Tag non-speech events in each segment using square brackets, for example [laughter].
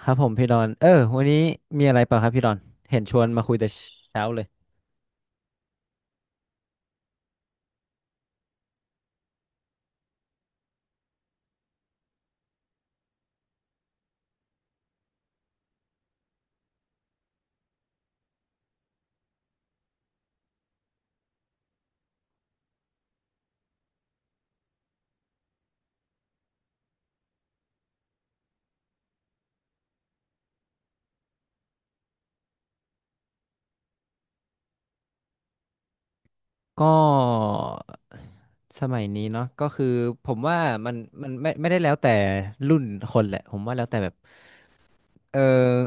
ครับผมพี่ดอนวันนี้มีอะไรเปล่าครับพี่ดอนเห็นชวนมาคุยแต่เช้าเลยก็สมัยนี้เนาะก็คือผมว่ามันมันไม่ได้แล้วแต่รุ่นคนแหละผมว่าแล้วแต่แบบเออ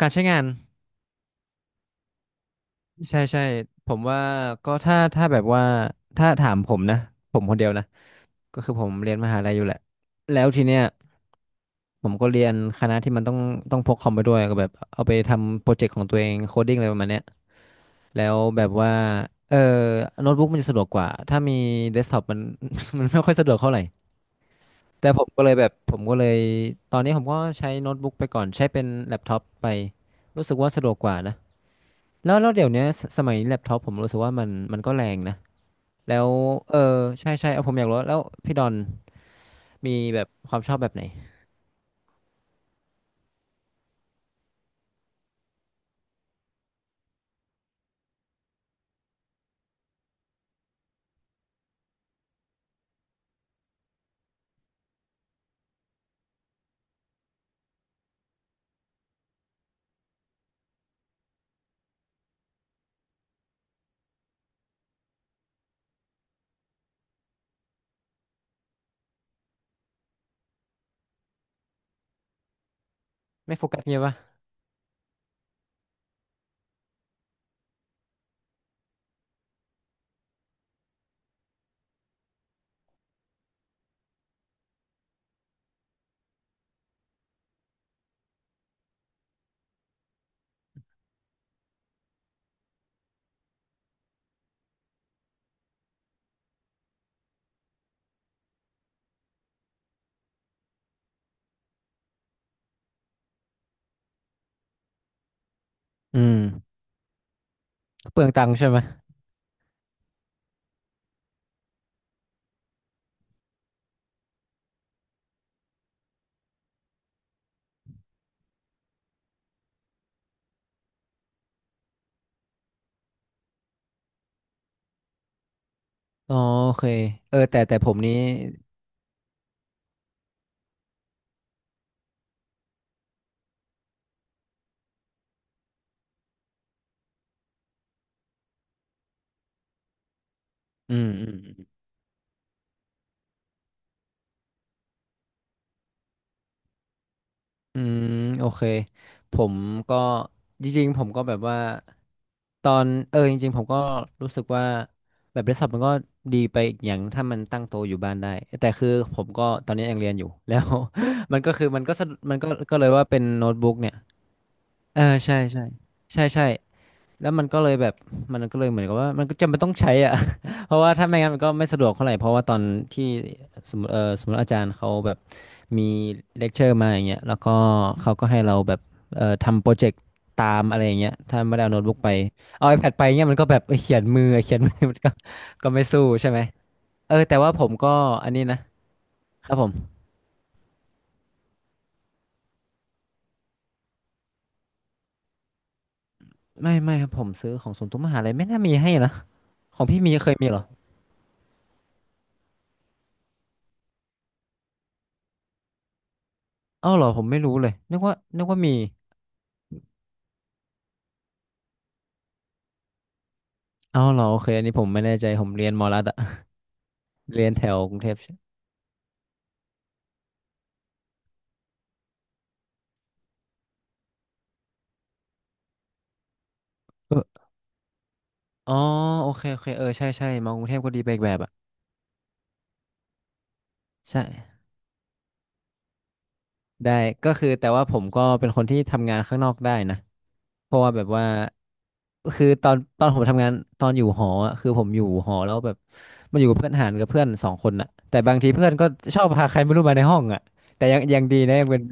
การใช้งานใช่ใช่ผมว่าก็ถ้าแบบว่าถ้าถามผมนะผมคนเดียวนะก็คือผมเรียนมหาลัยอยู่แหละแล้วทีเนี้ยผมก็เรียนคณะที่มันต้องต้องพกคอมไปด้วยก็แบบเอาไปทำโปรเจกต์ของตัวเองโคดดิ้งอะไรประมาณเนี้ย แล้วแบบว่า เออโน้ตบุ๊กมันจะสะดวกกว่า ถ้ามีเดสก์ท็อปมัน [laughs] มันไม่ค่อยสะดวกเท่าไหร่ แต่ผมก็เลยตอนนี้ผมก็ใช้โน้ตบุ๊กไปก่อน ใช้เป็นแล็ปท็อปไป รู้สึกว่าสะดวกกว่านะ แล้วเดี๋ยวเนี้ยสสมัยนี้แล็ปท็อปผมรู้สึกว่ามันก็แรงนะ แล้วเออใช่ใช่เอาผมอยากรู้แล้วพี่ดอนมีแบบความชอบแบบไหนไม่โฟกัสเงี้ยปะอืมเปลืองตังค์ใช่ไหมอ๋อโอเคแต่ผมนี้อืมอืม อืมโอเคผมก็จริงๆผมก็แบบว่าตอนจริงๆผมก็รู้สึกว่าแบบเดสก์ท็อปมันก็ดีไปอีกอย่างถ้ามันตั้งโตะอยู่บ้านได้แต่คือผมก็ตอนนี้ยังเรียนอยู่แล้ว [laughs] มันก็คือมันก็สะมันก็ก็เลยว่าเป็นโน้ตบุ๊กเนี่ยเออใช่ใช่ใช่ใช่ แล้วมันก็เลยเหมือนกับว่ามันก็จำเป็นต้องใช้อ่ะ [laughs] เพราะว่าถ้าไม่งั้นมันก็ไม่สะดวกเท่าไหร่เพราะว่าตอนที่สมมติสมมติอาจารย์เขาแบบมีเลคเชอร์มาอย่างเงี้ยแล้วก็เขาก็ให้เราแบบทำโปรเจกต์ตามอะไรอย่างเงี้ยถ้าไม่ได้เอาโน้ตบุ๊กไปเอา iPad ไปเงี้ยมันก็แบบเขียนมือ [laughs] เขียนมือ [laughs] มันก็ไม่สู้ใช่ไหมแต่ว่าผมก็อันนี้นะครับผมไม่ครับผมซื้อของศูนย์ทุกมหาลัยไม่น่ามีให้นะของพี่มีเคยมีเหรออ้าวเหรอผมไม่รู้เลยนึกว่ามี เอ้าเหรอโอเคอันนี้ผมไม่แน่ใจผมเรียนมอลัดอะ [laughs] เรียนแถวกรุงเทพใช่เอออ๋อโอเคโอเคใช่ใช่มากรุงเทพก็ดีไปอีกแบบอะใช่ได้ก็คือแต่ว่าผมก็เป็นคนที่ทำงานข้างนอกได้นะเพราะว่าแบบว่าคือตอนผมทำงานตอนอยู่หออะคือผมอยู่หอแล้วแบบมันอยู่กับเพื่อนหารกับเพื่อนสองคนอะแต่บางทีเพื่อนก็ชอบพาใครไม่รู้มาในห้องอะแต่ยังดีนะยังเป็น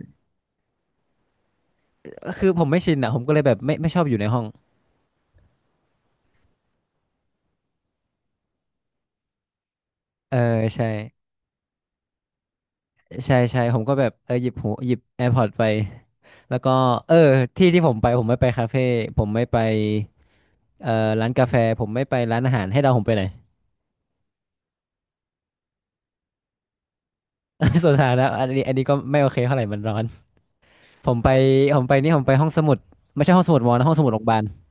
คือผมไม่ชินอะผมก็เลยแบบไม่ชอบอยู่ในห้องเออใช่ใช่ใช่ผมก็แบบหยิบ AirPods ไป แล้วก็เออที่ผมไปผมไม่ไปคาเฟ่ผมไม่ไปร้านกาแฟผมไม่ไปร้านอาหารให้เดาผมไปไหน [laughs] ส่วนสาธารณะอันนี้ก็ไม่โอเคเท่าไหร่มันร้อนผมไปผมไปนี่ผมไปห้องสมุดไม่ใช่ห้องสมุดมอนะห้องสมุดโรงพยาบาล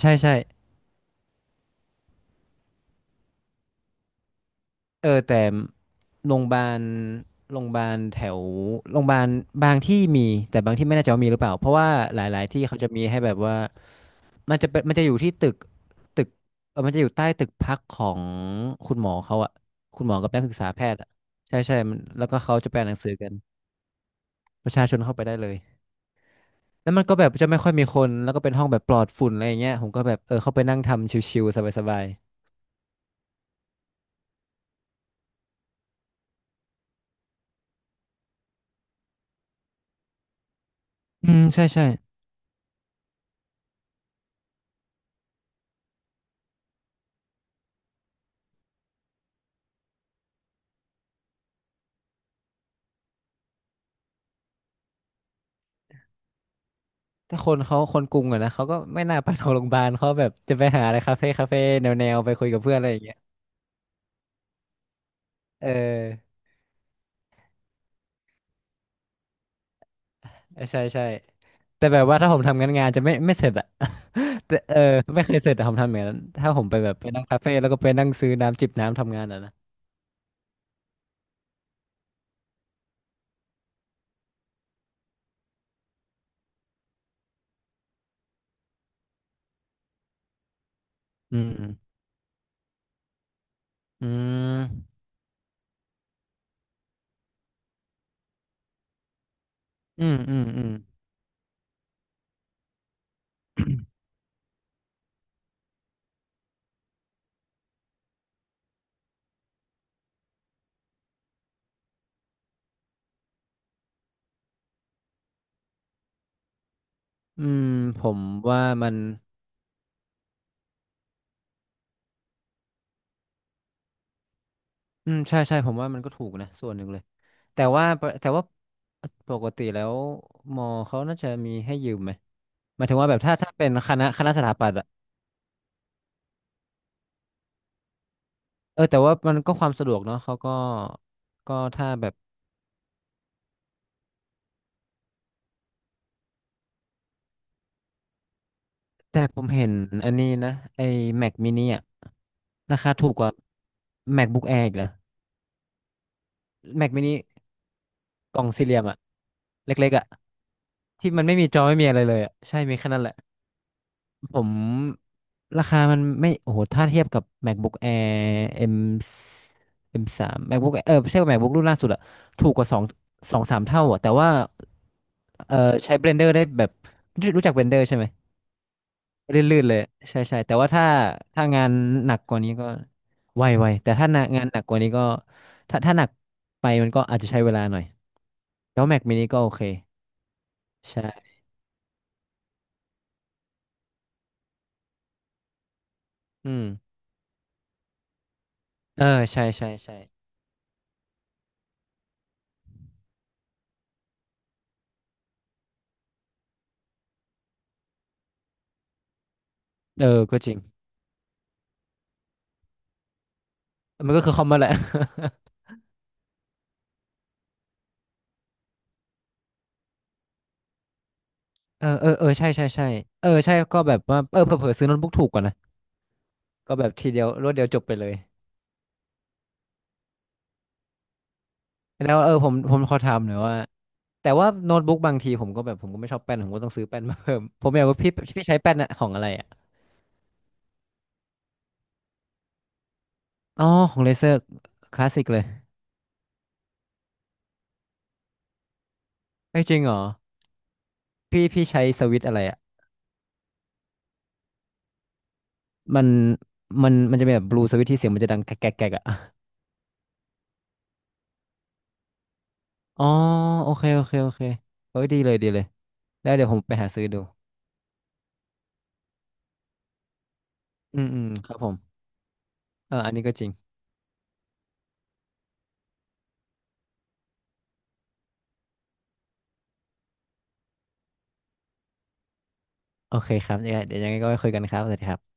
ใช่ใช่เออแต่ โรงพยาบาลโรงพยาบาลแถวโรงพยาบาลบางที่มีแต่บางที่ไม่แน่ใจว่ามีหรือเปล่าเพราะว่าหลายๆที่เขาจะมีให้แบบว่ามันจะอยู่ที่ตึกมันจะอยู่ใต้ตึกพักของคุณหมอเขาอะคุณหมอกับนักศึกษาแพทย์อะใช่ใช่มันแล้วก็เขาจะแปลหนังสือกันประชาชนเข้าไปได้เลยแล้วมันก็แบบจะไม่ค่อยมีคนแล้วก็เป็นห้องแบบปลอดฝุ่นอะไรอย่างเงี้ยผมก็แบบเข้าไปนั่งทำชิวๆสบายๆอืมใช่ใช่ แต่คนเขาคนกรุงอะนะเขาก็ไม่น่าไปโรงพยาบาลเขาแบบจะไปหาอะไรคาเฟ่แนวไปคุยกับเพื่อนอะไรอย่างเงี้ยเออใช่ใช่แต่แบบว่าถ้าผมทำงานงานจะไม่เสร็จอะ [laughs] แต่ไม่เคยเสร็จอะผมทำอย่างนั้นถ้าผมไปแบบไปนั่งคาเฟ่แล้วก็ไปนั่งซื้อน้ำจิบน้ำทำงานอะนะอืมอืมอืมอืมอืมอืมผมว่ามันอืมใช่ใช่ผมว่ามันก็ถูกนะส่วนหนึ่งเลยแต่ว่าปกติแล้วมอเขาน่าจะมีให้ยืมไหม หมายถึงว่าแบบถ้าเป็นคณะสถาปัตย์อะเออแต่ว่ามันก็ความสะดวกเนาะเขาก็ถ้าแบบแต่ผมเห็นอันนี้นะไอ้ Mac mini อะราคาถูกกว่า MacBook Air อีกนะ Mac mini กล่องสี่เหลี่ยมอะเล็กๆอะที่มันไม่มีจอไม่มีอะไรเลยอะใช่มีแค่นั้นแหละ ผมราคามันไม่โอ้โหถ้าเทียบกับ MacBook Air M M สาม ไม่ใช่ว่า MacBook รุ่นล่าสุดอะถูกกว่าสองสามเท่าอะแต่ว่าเออใช้ Blender ได้แบบรู้จัก Blender ใช่ไหมลื่นๆเลยใช่ใช่แต่ว่าถ้าถ้างานหนักกว่านี้ก็ไวไวแต่ถ้าหนักงานหนักกว่านี้ก็ถ้าหนักไปมันก็อาจจะใช้เวลาหน่อยแล้ว Mac mini ก็โอเคใช่อืมเออใช่ใช่ใช่ก็จริงมันก็คือคอมมาแหละ เออใช่ใช่ก็แบบว่าเผลอๆซื้อโน้ตบุ๊กถูกกว่านะก็แบบทีเดียวรวดเดียวจบไปเลยแล้วผมขอถามหน่อยว่าแต่ว่าโน้ตบุ๊กบางทีผมก็ไม่ชอบแป้นผมก็ต้องซื้อแป้นมาเพิ่ม [laughs] ผมอยากว่าพี่ใช้แป้นอะของอะไรอะอ๋อของเลเซอร์คลาสสิกเลยไม่จริงเหรอพี่ใช้สวิตช์อะไรอะมันมันจะเป็นแบบบลูสวิตช์ที่เสียงมันจะดังแกรกแกรกแกรกอะ [laughs] อ๋อโอเคเอ้ยดีเลยแล้วเดี๋ยวผมไปหาซื้อดูอืมอืมครับผมเอออันนี้ก็จริง โอเคครับเนี่ยังไงเดี๋ยวยังไงก็ไปคุยกันครับ สวัสดีครับ